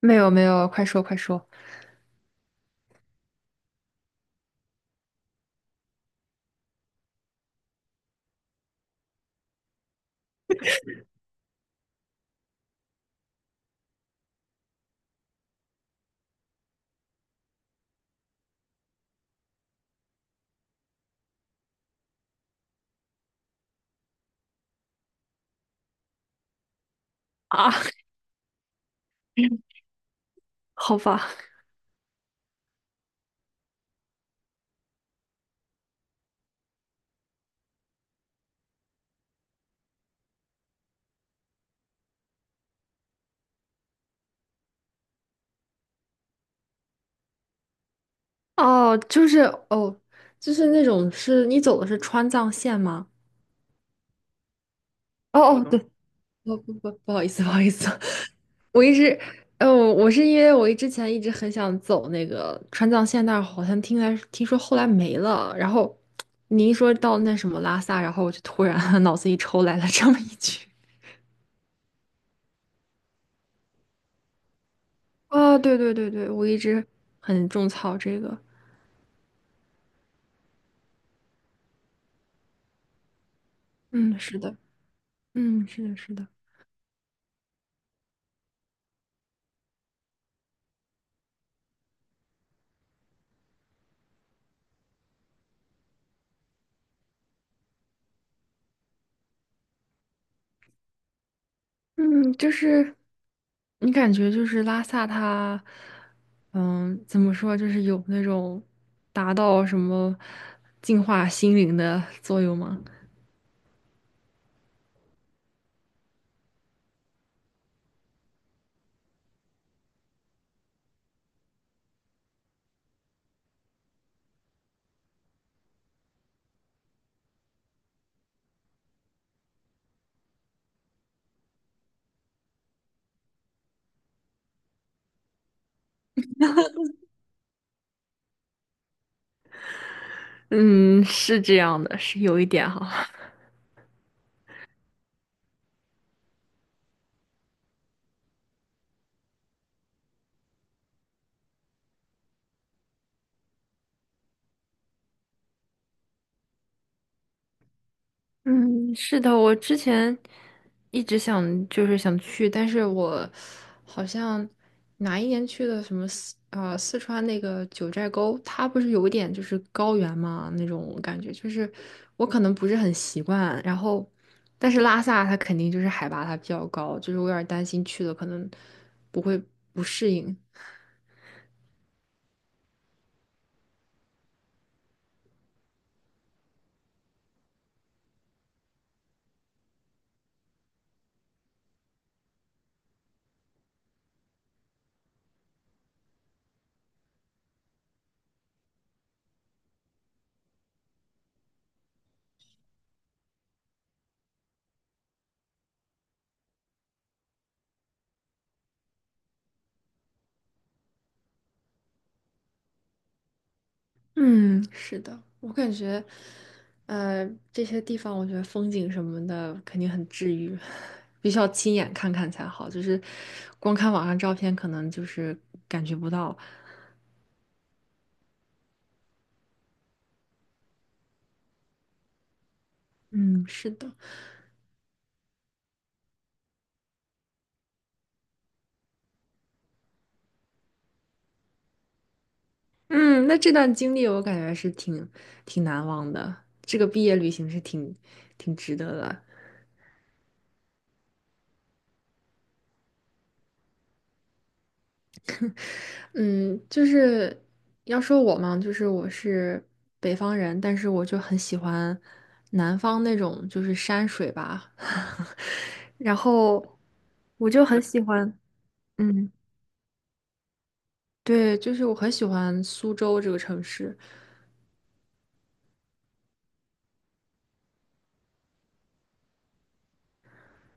没有没有，快说快说。啊，好吧。哦，就是哦，就是那种你走的是川藏线吗？哦好哦，不好意思，我一直，我是因为我之前一直很想走那个川藏线但是好像听说后来没了，然后你一说到那什么拉萨，然后我就突然 脑子一抽来了这么一句。啊，对对对对，我一直很种草这个。嗯，是的。嗯，是的，是的。嗯,你感觉就是拉萨它，嗯，怎么说，就是有那种达到什么净化心灵的作用吗？嗯，是这样的，是有一点哈。嗯，是的，我之前一直想去，但是我好像哪一年去的什么四川那个九寨沟，它不是有一点就是高原嘛那种感觉，就是我可能不是很习惯。然后，但是拉萨它肯定就是海拔它比较高，就是我有点担心去了可能不会不适应。嗯，是的，我感觉，这些地方我觉得风景什么的肯定很治愈，必须要亲眼看看才好，就是光看网上照片可能就是感觉不到。嗯，是的。嗯，那这段经历我感觉是挺难忘的，这个毕业旅行是挺值得的。嗯，就是要说我嘛，就是我是北方人，但是我就很喜欢南方那种就是山水吧，然后我就很喜欢。嗯，对，就是我很喜欢苏州这个城市。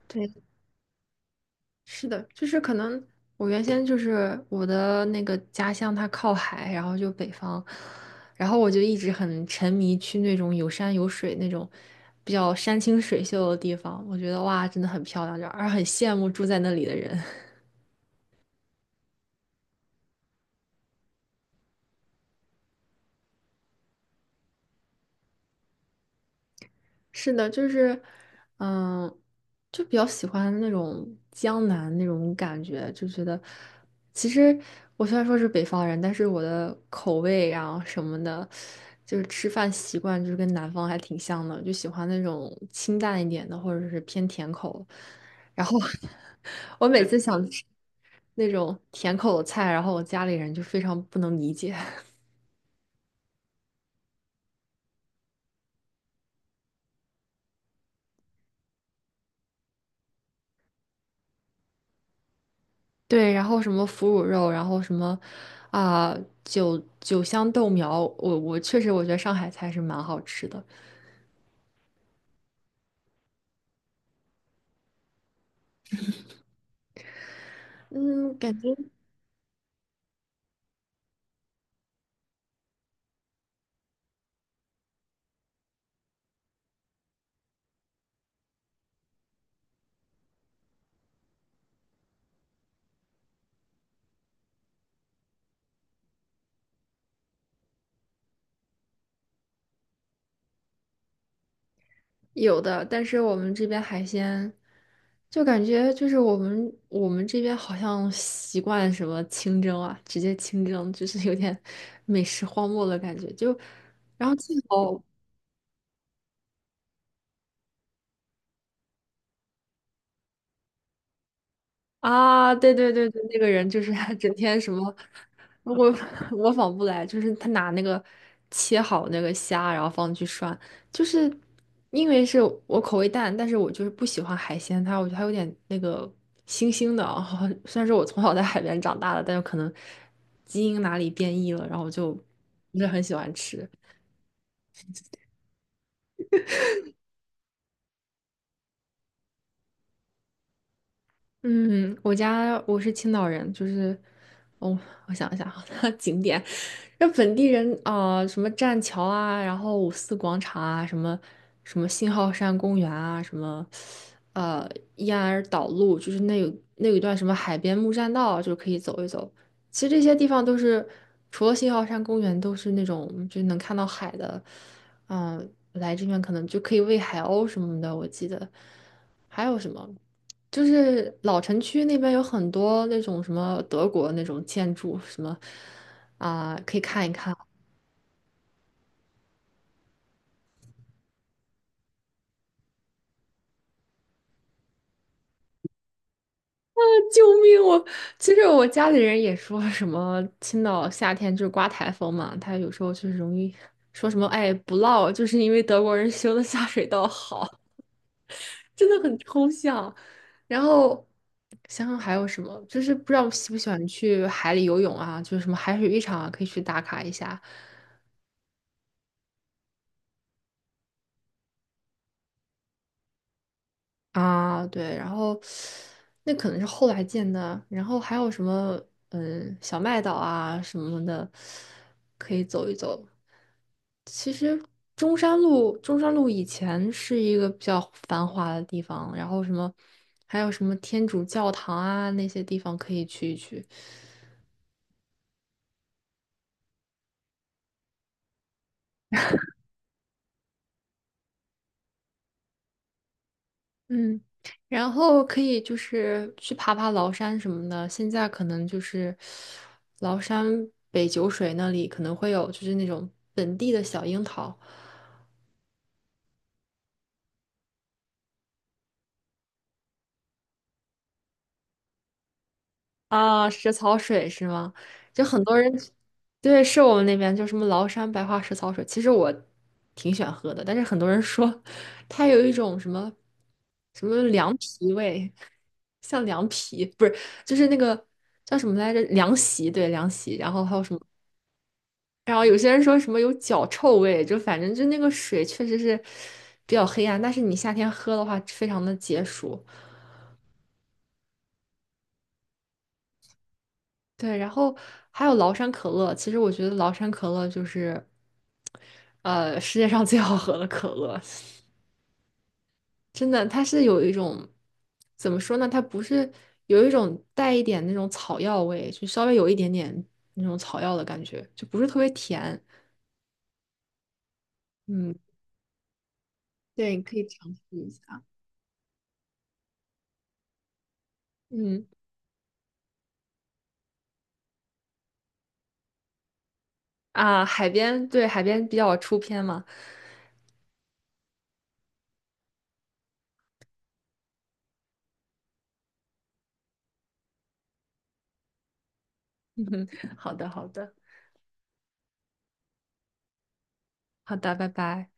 对。是的，就是可能我原先就是我的那个家乡，它靠海，然后就北方，然后我就一直很沉迷去那种有山有水那种比较山清水秀的地方，我觉得哇，真的很漂亮，就而很羡慕住在那里的人。是的，就是，嗯，就比较喜欢那种江南那种感觉，就觉得，其实我虽然说是北方人，但是我的口味啊什么的，就是吃饭习惯就是跟南方还挺像的，就喜欢那种清淡一点的，或者是偏甜口。然后 我每次想吃那种甜口的菜，然后我家里人就非常不能理解。对，然后什么腐乳肉，然后什么啊、酒香豆苗，我确实我觉得上海菜是蛮好吃的。嗯，感觉有的，但是我们这边海鲜就感觉就是我们这边好像习惯什么清蒸啊，直接清蒸，就是有点 美食荒漠的感觉。就然后镜头啊，对对对对，那个人就是他整天什么，我我 仿不来，就是他拿那个切好那个虾，然后放进去涮。就是因为是我口味淡，但是我就是不喜欢海鲜，它我觉得它有点那个腥腥的啊。虽然说我从小在海边长大的，但是可能基因哪里变异了，然后我就不是很喜欢吃。嗯，我家我是青岛人。哦，我想一想啊，景点。那本地人啊、什么栈桥啊，然后五四广场啊，什么什么信号山公园啊，什么呃燕儿岛路，就是那有那有一段什么海边木栈道啊，就是可以走一走。其实这些地方都是除了信号山公园，都是那种就能看到海的。嗯、来这边可能就可以喂海鸥什么的，我记得还有什么。就是老城区那边有很多那种什么德国那种建筑，什么，啊、可以看一看。救命！我其实我家里人也说什么青岛夏天就是刮台风嘛，他有时候就是容易说什么哎不涝，就是因为德国人修的下水道好。真的很抽象。然后想想还有什么，就是不知道喜不喜欢去海里游泳啊，就是什么海水浴场啊，可以去打卡一下。啊，对，然后那可能是后来建的，然后还有什么嗯小麦岛啊什么的，可以走一走。其实中山路，中山路以前是一个比较繁华的地方，然后什么还有什么天主教堂啊那些地方可以去一去。嗯，然后可以就是去爬爬崂山什么的。现在可能就是崂山北九水那里可能会有，就是那种本地的小樱桃啊，石草水是吗？就很多人对，是我们那边就什么崂山白花石草水，其实我挺喜欢喝的，但是很多人说它有一种什么什么凉皮味，像凉皮，不是，就是那个叫什么来着？凉席，对，凉席，然后还有什么？然后有些人说什么有脚臭味，就反正就那个水确实是比较黑暗，但是你夏天喝的话，非常的解暑。对，然后还有崂山可乐，其实我觉得崂山可乐就是，世界上最好喝的可乐。真的，它是有一种怎么说呢？它不是有一种带一点那种草药味，就稍微有一点点那种草药的感觉，就不是特别甜。嗯，对，你可以尝试一下。嗯。啊，海边，对，海边比较出片嘛。好的，好的，好的，拜拜。